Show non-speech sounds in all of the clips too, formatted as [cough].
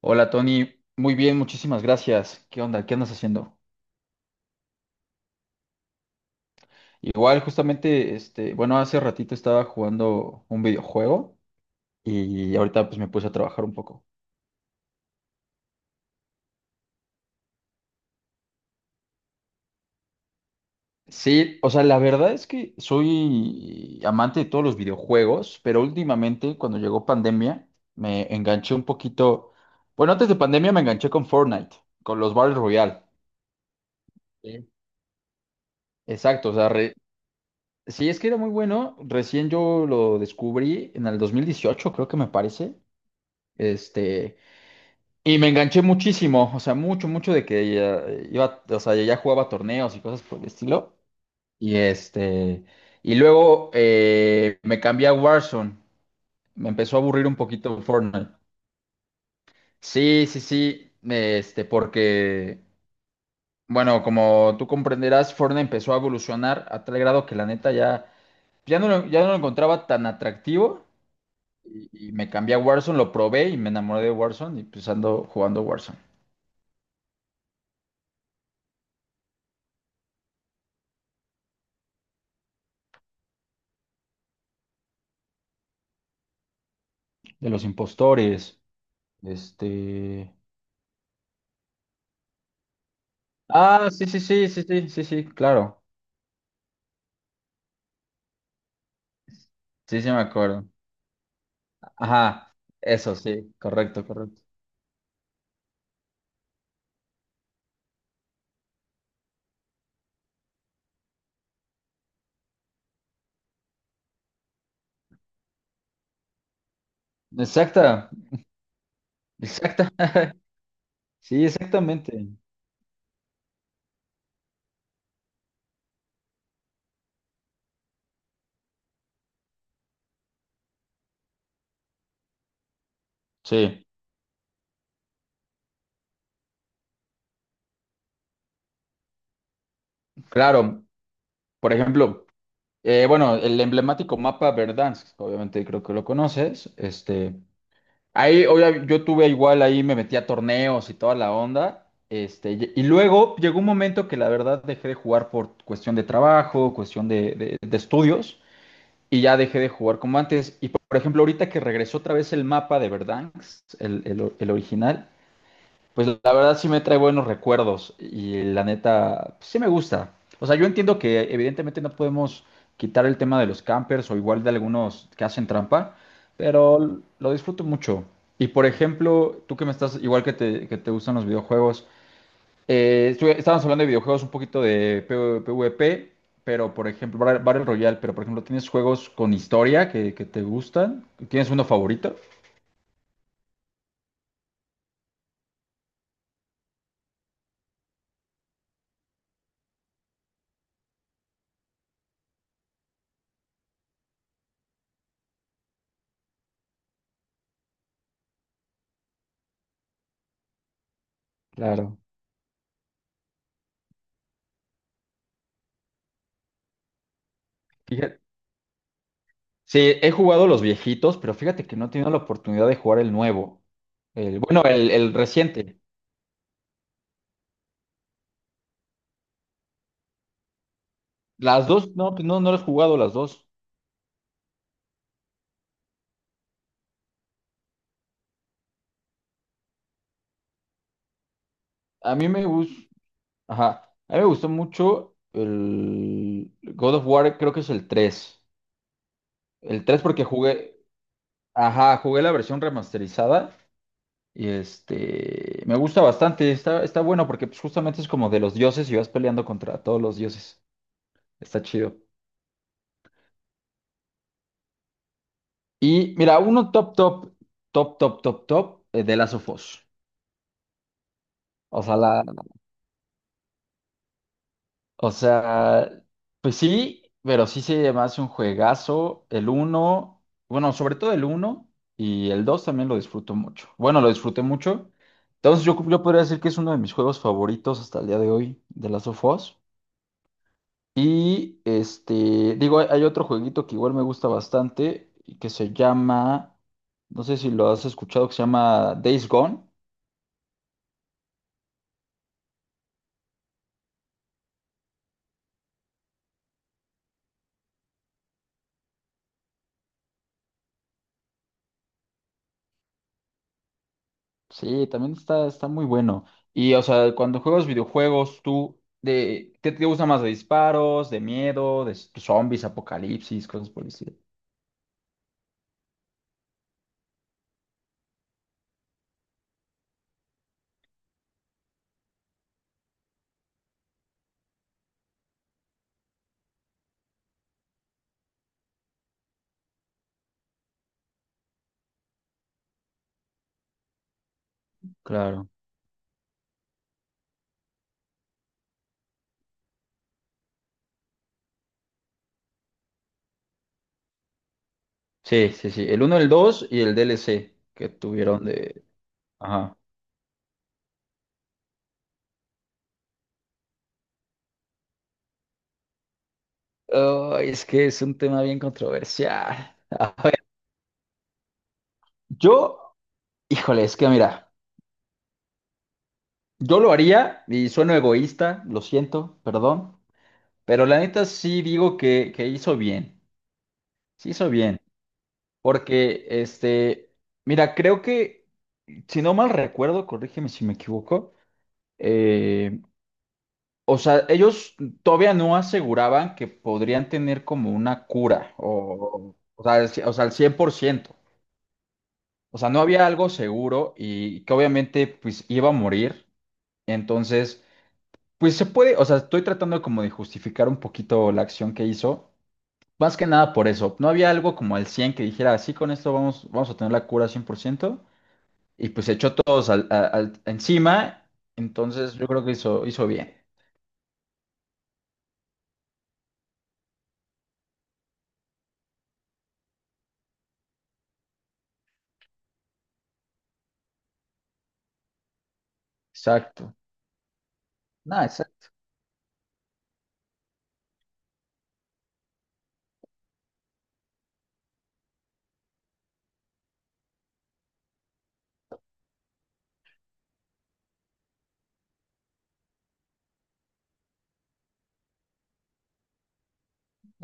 Hola Tony, muy bien, muchísimas gracias. ¿Qué onda? ¿Qué andas haciendo? Igual, justamente, bueno, hace ratito estaba jugando un videojuego y ahorita pues me puse a trabajar un poco. Sí, o sea, la verdad es que soy amante de todos los videojuegos, pero últimamente, cuando llegó pandemia, me enganché un poquito. Bueno, antes de pandemia me enganché con Fortnite, con los Battle Royale. Sí. Exacto, o sea, sí, es que era muy bueno. Recién yo lo descubrí en el 2018, creo que me parece. Este, y me enganché muchísimo, o sea, mucho de que ya iba, o sea, ya jugaba torneos y cosas por el estilo. Y este, y luego me cambié a Warzone. Me empezó a aburrir un poquito Fortnite. Sí, sí, sí, porque, bueno, como tú comprenderás, Fortnite empezó a evolucionar a tal grado que la neta ya, ya no lo encontraba tan atractivo. Y me cambié a Warzone, lo probé y me enamoré de Warzone y pues ando jugando Warzone. De los impostores. Este. Ah, sí, sí, sí, sí, sí, sí, sí, claro. Sí, sí, me acuerdo. Ajá, eso, sí, correcto, correcto. Exacta, exacta. [laughs] Sí, exactamente. Sí, claro. Por ejemplo, bueno, el emblemático mapa Verdansk, obviamente creo que lo conoces. Ahí, yo tuve igual, ahí me metí a torneos y toda la onda. Y luego llegó un momento que la verdad dejé de jugar por cuestión de trabajo, cuestión de, de estudios. Y ya dejé de jugar como antes. Y por ejemplo, ahorita que regresó otra vez el mapa de Verdansk, el original, pues la verdad sí me trae buenos recuerdos y la neta pues, sí me gusta. O sea, yo entiendo que evidentemente no podemos quitar el tema de los campers o igual de algunos que hacen trampa, pero lo disfruto mucho. Y por ejemplo, tú que me estás, igual que te gustan los videojuegos, estábamos hablando de videojuegos un poquito de PvP, pero por ejemplo, Battle Royale, pero por ejemplo, ¿tienes juegos con historia que te gustan? ¿Tienes uno favorito? Claro. Fíjate, sí, he jugado los viejitos, pero fíjate que no he tenido la oportunidad de jugar el nuevo. El, bueno, el reciente. Las dos, no, pues no, no las he jugado las dos. A mí me gustó, ajá, a mí me gustó mucho el God of War, creo que es el tres. El 3 porque jugué, ajá, jugué la versión remasterizada. Me gusta bastante, está, está bueno porque pues, justamente es como de los dioses y vas peleando contra todos los dioses. Está chido. Y mira, uno top de Last of Us. O sea, la, o sea, pues sí, pero sí se me hace un juegazo. El uno, bueno, sobre todo el uno y el dos también lo disfruto mucho. Bueno, lo disfruté mucho. Entonces yo podría decir que es uno de mis juegos favoritos hasta el día de hoy de Last of Us. Digo, hay otro jueguito que igual me gusta bastante, y que se llama, no sé si lo has escuchado, que se llama Days Gone. Sí, también está, está muy bueno. Y, o sea, cuando juegas videojuegos, tú, de, ¿qué te gusta más? ¿De disparos, de miedo, de zombies, apocalipsis, cosas por el estilo? Claro. Sí, sí, sí. El uno el 2 y el DLC que tuvieron de... Ajá. Ay, es que es un tema bien controversial. [laughs] A ver, yo, híjole, es que mira. Yo lo haría y sueno egoísta, lo siento, perdón, pero la neta sí digo que hizo bien, sí hizo bien, porque mira, creo que, si no mal recuerdo, corrígeme si me equivoco, eh, o sea, ellos todavía no aseguraban que podrían tener como una cura, o sea, o sea, al 100 por ciento, o sea, no había algo seguro y que obviamente pues iba a morir, entonces... Pues se puede, o sea, estoy tratando como de justificar un poquito la acción que hizo. Más que nada por eso. No había algo como al 100 que dijera, sí, con esto vamos, vamos a tener la cura 100 por ciento. Y pues se echó todos encima. Entonces yo creo que hizo, hizo bien. Exacto. No, exacto.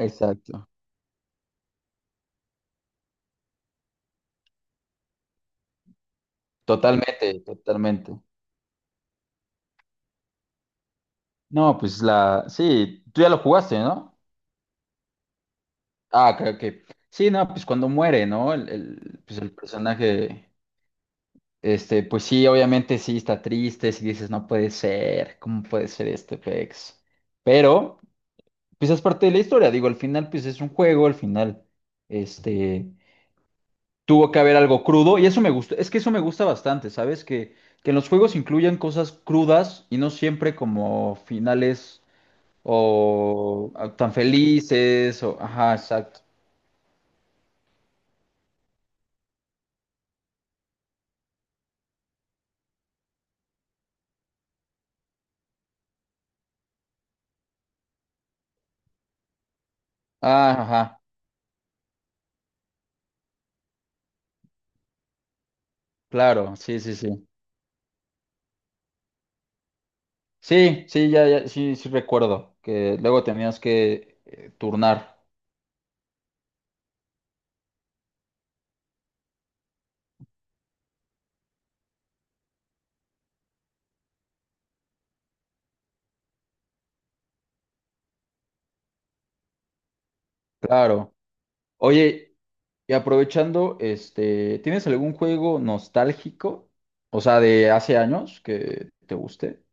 Exacto. Totalmente, totalmente. No, pues la... Sí, tú ya lo jugaste, ¿no? Ah, creo que... Sí, no, pues cuando muere, ¿no? Pues el personaje... pues sí, obviamente sí está triste, si dices, no puede ser, ¿cómo puede ser este pex? Pero, pues es parte de la historia, digo, al final, pues es un juego, al final, este, tuvo que haber algo crudo, y eso me gusta, es que eso me gusta bastante, ¿sabes? Que en los juegos incluyan cosas crudas y no siempre como finales o ah, tan felices, o, ajá, exacto. Ah, ajá, claro, sí, sí, sí. Sí, sí, ya, ya, sí, sí recuerdo que luego tenías que turnar, claro. Oye, y aprovechando, ¿tienes algún juego nostálgico? O sea, de hace años que te guste.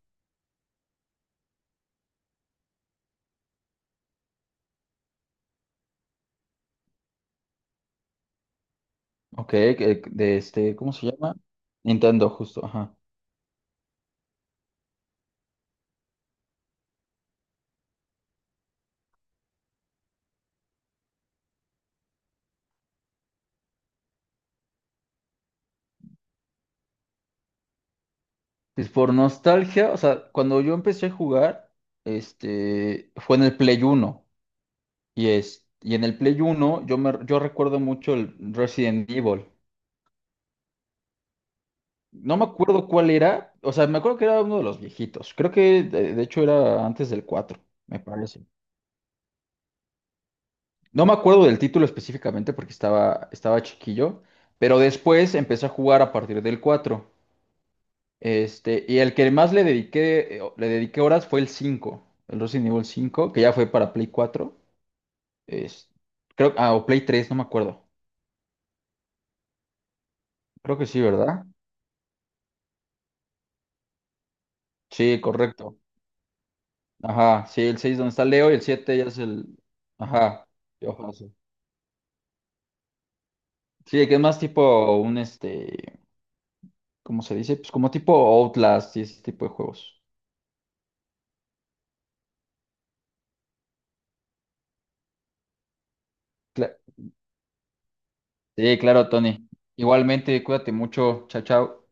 Ok, de este, ¿cómo se llama? Nintendo, justo, ajá. Pues por nostalgia, o sea, cuando yo empecé a jugar, fue en el Play Uno. Y es, y en el Play Uno yo recuerdo mucho el Resident Evil. No me acuerdo cuál era. O sea, me acuerdo que era uno de los viejitos. Creo que de hecho era antes del 4 me parece. No me acuerdo del título específicamente porque estaba, estaba chiquillo, pero después empecé a jugar a partir del cuatro. Y el que más le dediqué horas fue el cinco, el Resident Evil 5 que ya fue para Play cuatro. Es, creo, ah, o Play tres, no me acuerdo. Creo que sí, ¿verdad? Sí, correcto. Ajá, sí, el 6 donde está Leo y el 7 ya es el... Ajá. Sí, que es más tipo un ¿cómo se dice? Pues como tipo Outlast y ese tipo de juegos. Cla- sí, claro, Tony. Igualmente, cuídate mucho. Chao, chao.